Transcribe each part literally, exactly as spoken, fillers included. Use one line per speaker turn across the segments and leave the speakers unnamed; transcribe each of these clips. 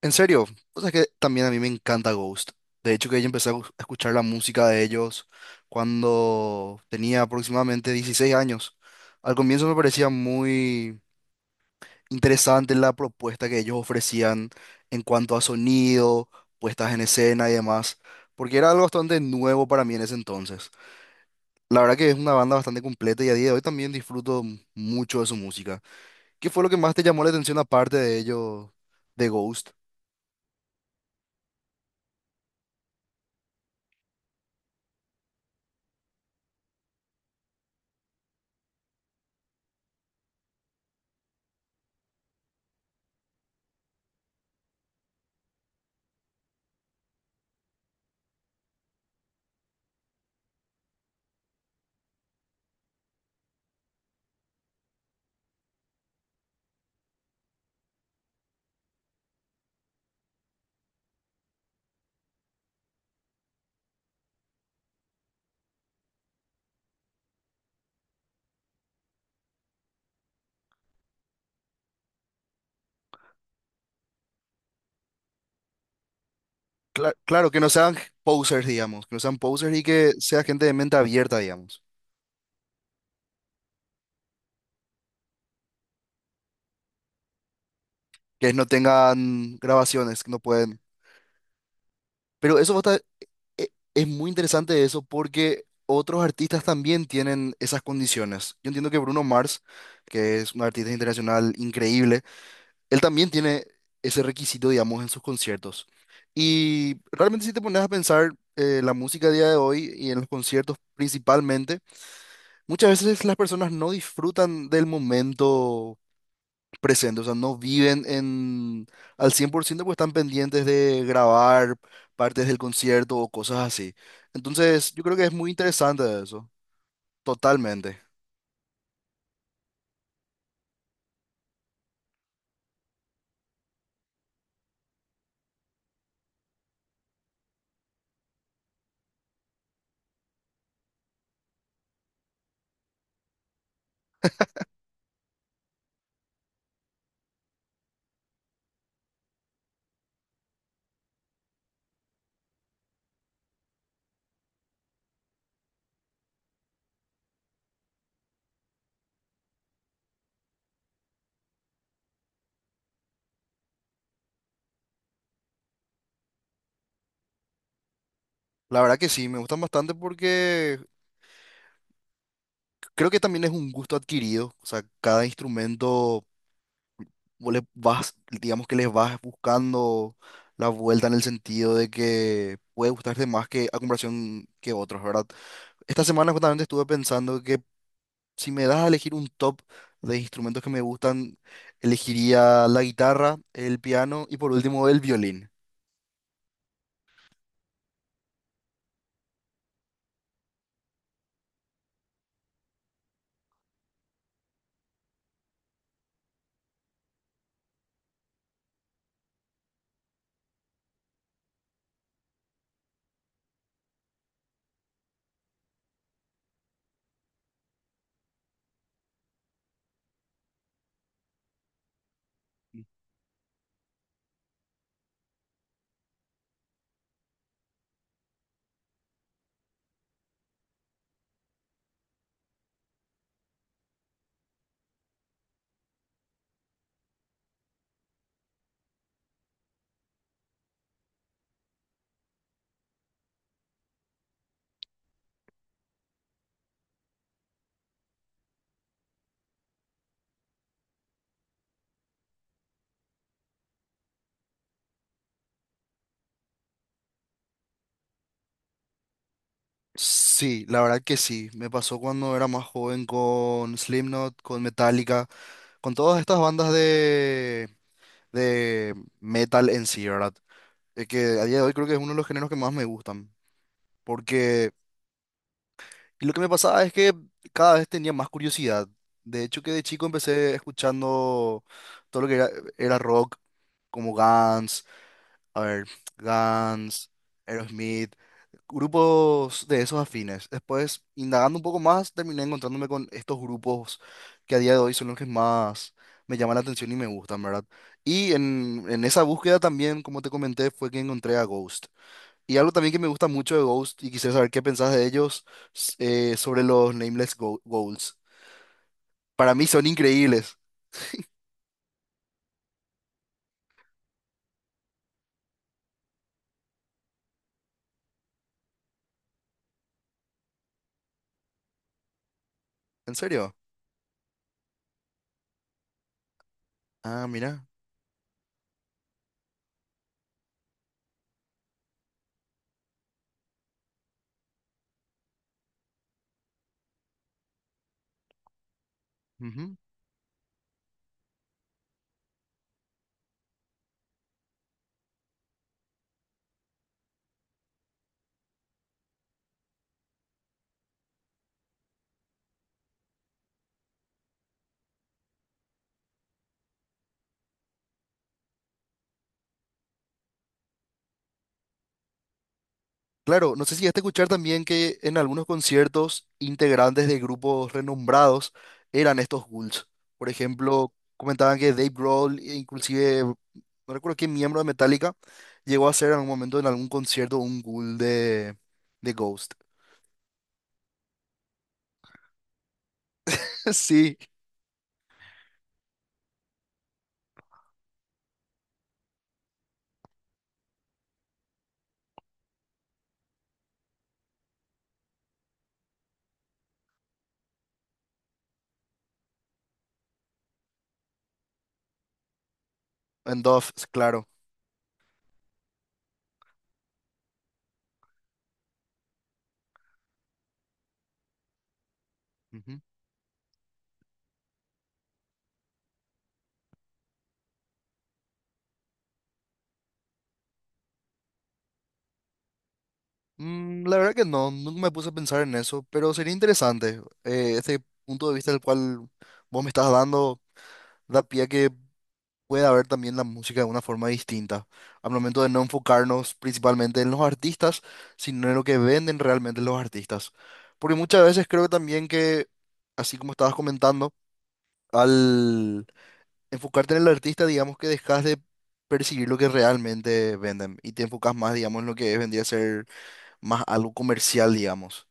En serio, cosa que también a mí me encanta Ghost. De hecho, que yo empecé a gu- a escuchar la música de ellos cuando tenía aproximadamente dieciséis años. Al comienzo me parecía muy interesante la propuesta que ellos ofrecían en cuanto a sonido, puestas en escena y demás, porque era algo bastante nuevo para mí en ese entonces. La verdad que es una banda bastante completa y a día de hoy también disfruto mucho de su música. ¿Qué fue lo que más te llamó la atención aparte de ello, de Ghost? Cla- claro, que no sean posers, digamos, que no sean posers y que sea gente de mente abierta, digamos, que no tengan grabaciones, que no pueden. Pero eso va a estar- e- es muy interesante eso porque otros artistas también tienen esas condiciones. Yo entiendo que Bruno Mars, que es un artista internacional increíble, él también tiene ese requisito, digamos, en sus conciertos. Y realmente si te pones a pensar eh, la música a día de hoy y en los conciertos principalmente, muchas veces las personas no disfrutan del momento presente, o sea, no viven en al cien por ciento porque están pendientes de grabar partes del concierto o cosas así. Entonces, yo creo que es muy interesante eso, totalmente. La verdad que sí, me gustan bastante porque creo que también es un gusto adquirido, o sea, cada instrumento vos le vas, digamos que les vas buscando la vuelta en el sentido de que puede gustarte más que a comparación que otros, ¿verdad? Esta semana justamente estuve pensando que si me das a elegir un top de instrumentos que me gustan, elegiría la guitarra, el piano y por último el violín. Sí, sí, la verdad que sí. Me pasó cuando era más joven con Slipknot, con Metallica, con todas estas bandas de de metal en sí, ¿verdad? Eh, que a día de hoy creo que es uno de los géneros que más me gustan. Porque y lo que me pasaba es que cada vez tenía más curiosidad. De hecho, que de chico empecé escuchando todo lo que era, era rock, como Guns, a ver, Guns, Aerosmith, grupos de esos afines. Después, indagando un poco más, terminé encontrándome con estos grupos que a día de hoy son los que más me llaman la atención y me gustan, ¿verdad? Y en, en esa búsqueda también, como te comenté, fue que encontré a Ghost. Y algo también que me gusta mucho de Ghost, y quisiera saber qué pensás de ellos, s- eh, sobre los Nameless Go- Goals. Para mí son increíbles. ¿En serio? Ah, mira. Claro, no sé si ya te escuchar también que en algunos conciertos integrantes de grupos renombrados eran estos ghouls. Por ejemplo, comentaban que Dave Grohl, e inclusive, no recuerdo qué miembro de Metallica, llegó a ser en algún momento en algún concierto un ghoul de, de Ghost. Sí, en Dove, claro. Ujú. Mm, la verdad que no, nunca me puse a pensar en eso, pero sería interesante. eh, este punto de vista del cual vos me estás dando da pie a que pueda ver también la música de una forma distinta, al momento de no enfocarnos principalmente en los artistas, sino en lo que venden realmente los artistas. Porque muchas veces creo también que, así como estabas comentando, al enfocarte en el artista, digamos que dejas de perseguir lo que realmente venden y te enfocas más, digamos, en lo que vendría a ser más algo comercial, digamos.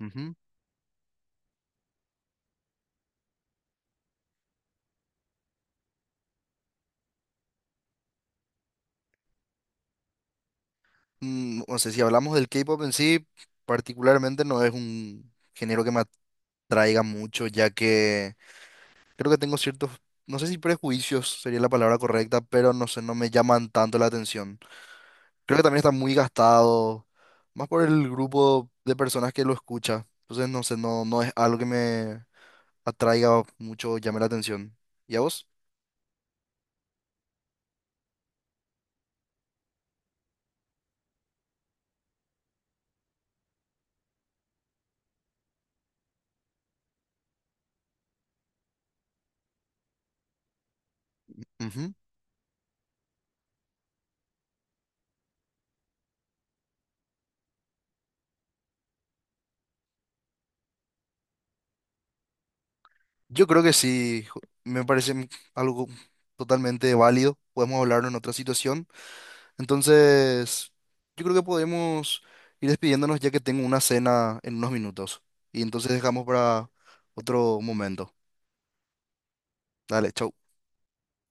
Ujú. Mm, No sé, si hablamos del K pop en sí, particularmente no es un género que me atraiga mucho, ya que creo que tengo ciertos, no sé si prejuicios sería la palabra correcta, pero no sé, no me llaman tanto la atención. Creo que también está muy gastado, más por el grupo de personas que lo escucha. Entonces, no sé, no, no es algo que me atraiga mucho, llame la atención. ¿Y a vos? Ujú. Yo creo que sí, ju- me parece m- algo totalmente válido. Podemos hablarlo en otra situación. Entonces, yo creo que podemos ir despidiéndonos ya que tengo una cena en unos minutos. Y entonces dejamos para otro momento. Dale, chau.